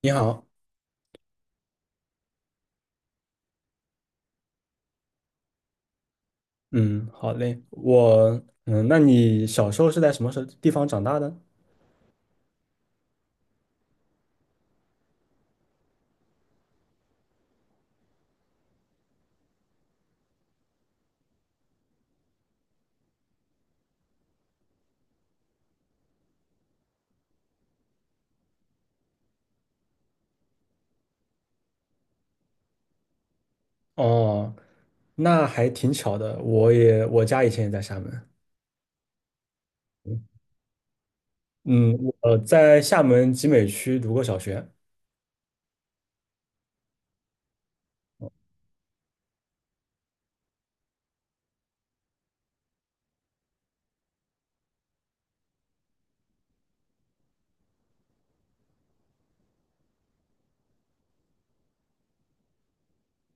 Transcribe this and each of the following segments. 你好，嗯，好嘞，那你小时候是在什么时候地方长大的？哦，那还挺巧的，我家以前也在厦门，嗯，我在厦门集美区读过小学。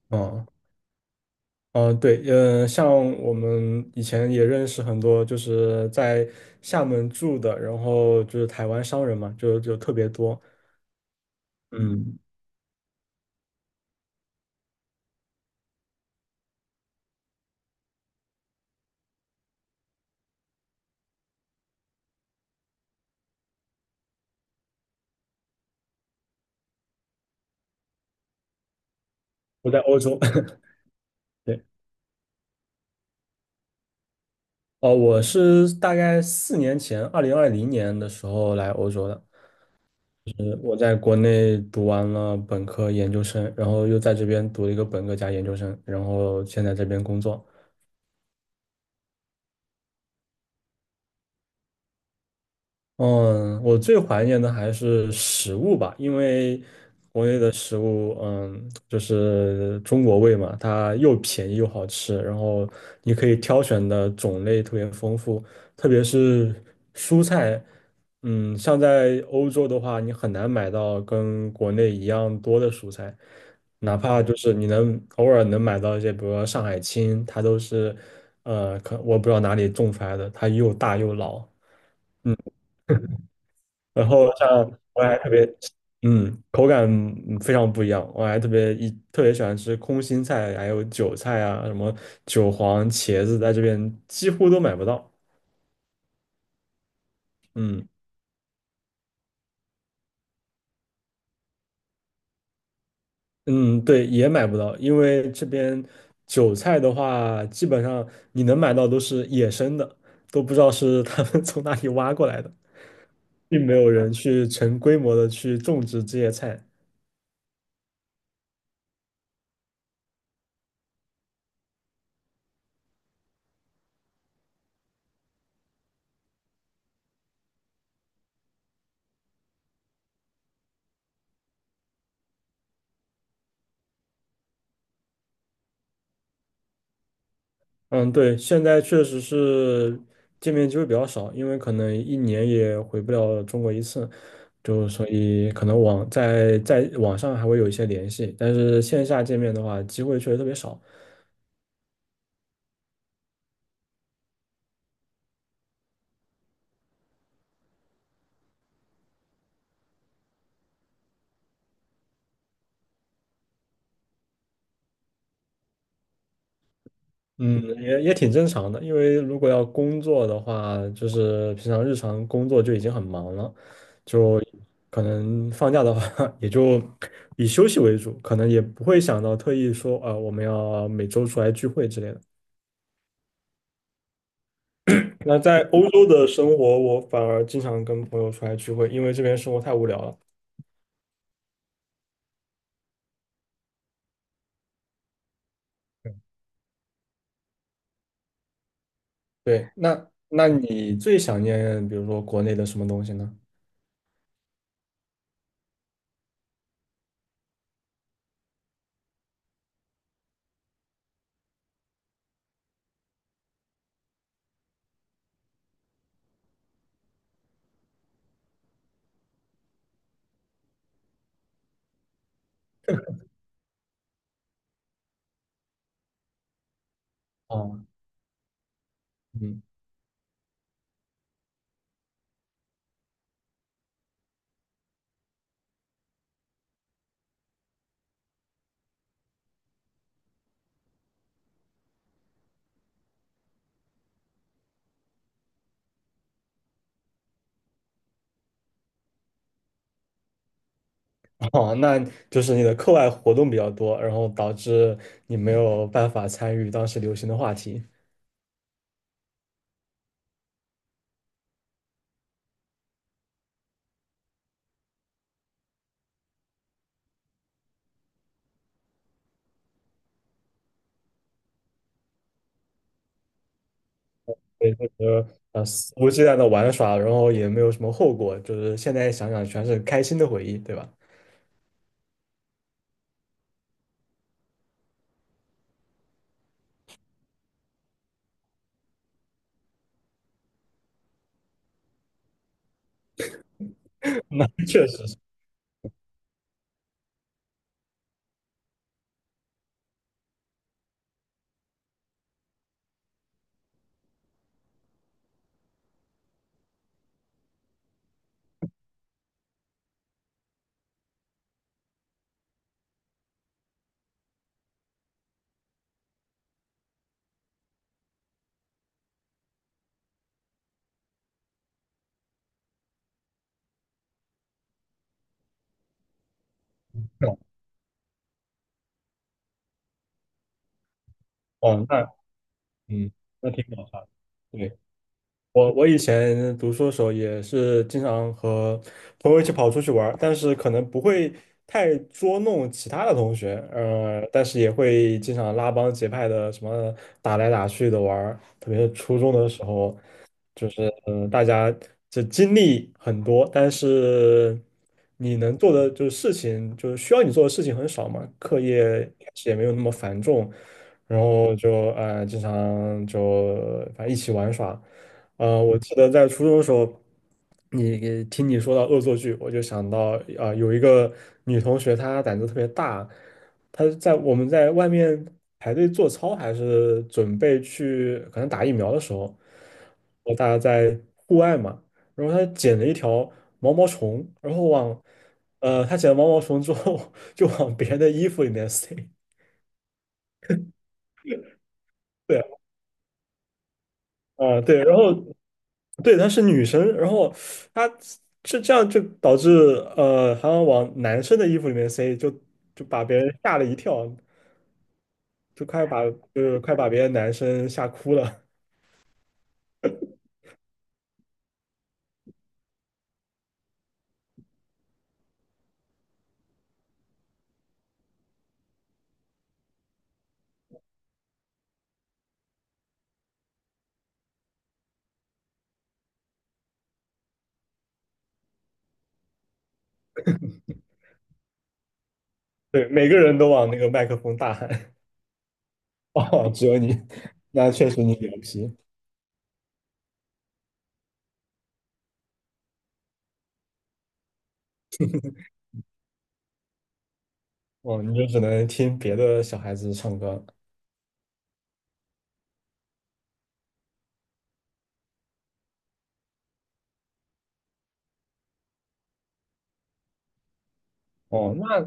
哦。哦，对，像我们以前也认识很多，就是在厦门住的，然后就是台湾商人嘛，就特别多。嗯，我在欧洲，对。哦，我是大概4年前，2020年的时候来欧洲的。就是我在国内读完了本科、研究生，然后又在这边读了一个本科加研究生，然后现在这边工作。嗯，我最怀念的还是食物吧，因为国内的食物，就是中国味嘛，它又便宜又好吃，然后你可以挑选的种类特别丰富，特别是蔬菜。像在欧洲的话，你很难买到跟国内一样多的蔬菜，哪怕就是你能偶尔能买到一些，比如说上海青，它都是，可我不知道哪里种出来的，它又大又老。然后像我还特别，嗯，口感非常不一样。我还特别喜欢吃空心菜，还有韭菜啊，什么韭黄、茄子，在这边几乎都买不到。嗯嗯，对，也买不到，因为这边韭菜的话，基本上你能买到都是野生的，都不知道是他们 从哪里挖过来的，并没有人去成规模的去种植这些菜。嗯，对，现在确实是见面机会比较少，因为可能一年也回不了中国一次，就所以可能在网上还会有一些联系，但是线下见面的话，机会确实特别少。嗯，也挺正常的，因为如果要工作的话，就是平常日常工作就已经很忙了，就可能放假的话 也就以休息为主，可能也不会想到特意说啊，我们要每周出来聚会之类的。那在欧洲的生活，我反而经常跟朋友出来聚会，因为这边生活太无聊了。对，那你最想念，比如说国内的什么东西呢？哦。嗯。哦，那就是你的课外活动比较多，然后导致你没有办法参与当时流行的话题，所以就是肆无忌惮的玩耍，然后也没有什么后果，就是现在想想全是开心的回忆，对吧？那确实是。哦。嗯，那挺搞笑的。我以前读书的时候也是经常和朋友一起跑出去玩儿，但是可能不会太捉弄其他的同学，但是也会经常拉帮结派的什么打来打去的玩儿，特别是初中的时候，就是大家这经历很多，但是你能做的就是事情，就是需要你做的事情很少嘛，课业一开始也没有那么繁重，然后就经常就反正一起玩耍。我记得在初中的时候，你听你说到恶作剧，我就想到有一个女同学她胆子特别大。他在我们在外面排队做操，还是准备去可能打疫苗的时候，大家在户外嘛，然后他捡了一条毛毛虫，然后他捡了毛毛虫之后 就往别人的衣服里面塞。对。啊、对，然后对，她是女生，然后她是这样就导致好像往男生的衣服里面塞，就把别人吓了一跳，就快把就是快把别的男生吓哭了。对，每个人都往那个麦克风大喊。哦，只有你。那确实你牛皮。哦，你就只能听别的小孩子唱歌。哦。那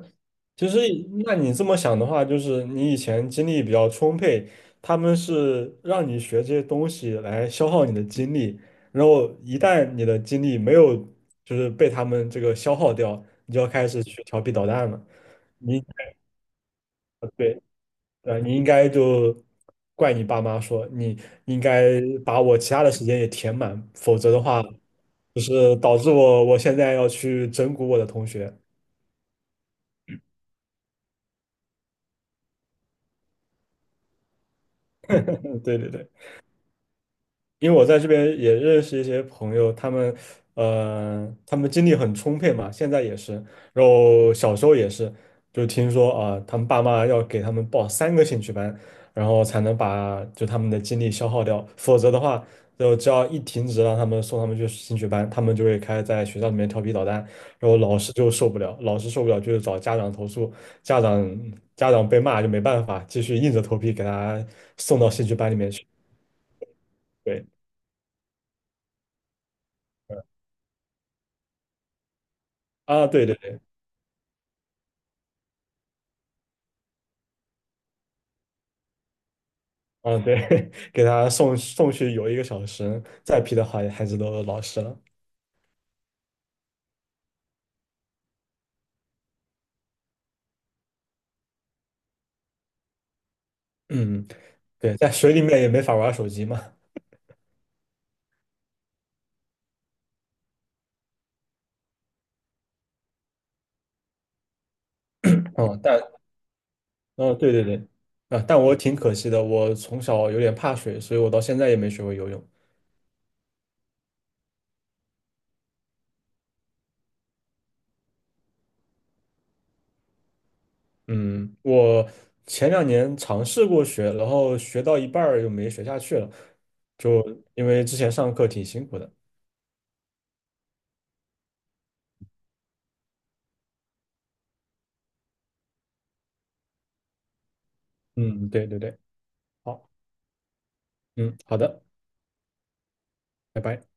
其实那你这么想的话，就是你以前精力比较充沛，他们是让你学这些东西来消耗你的精力，然后一旦你的精力没有就是被他们这个消耗掉，你就要开始去调皮捣蛋了。你。对，你应该就怪你爸妈说，你应该把我其他的时间也填满，否则的话，就是导致我现在要去整蛊我的同学。嗯，对对对。因为我在这边也认识一些朋友，他们精力很充沛嘛，现在也是，然后小时候也是，就听说啊，他们爸妈要给他们报3个兴趣班，然后才能把就他们的精力消耗掉，否则的话，就只要一停止让他们送他们去兴趣班，他们就会开始在学校里面调皮捣蛋，然后老师就受不了，老师受不了就是找家长投诉，家长家长被骂就没办法，继续硬着头皮给他送到兴趣班里面去。对。啊，对对。嗯，对，给他送去游1个小时，再批的话孩子都老实了。嗯，对，在水里面也没法玩手机嘛。嗯，但嗯，对对对。啊，但我挺可惜的，我从小有点怕水，所以我到现在也没学会游泳。嗯，我前2年尝试过学，然后学到一半儿又没学下去了，就因为之前上课挺辛苦的。嗯，对对对。好，嗯，好的。拜拜。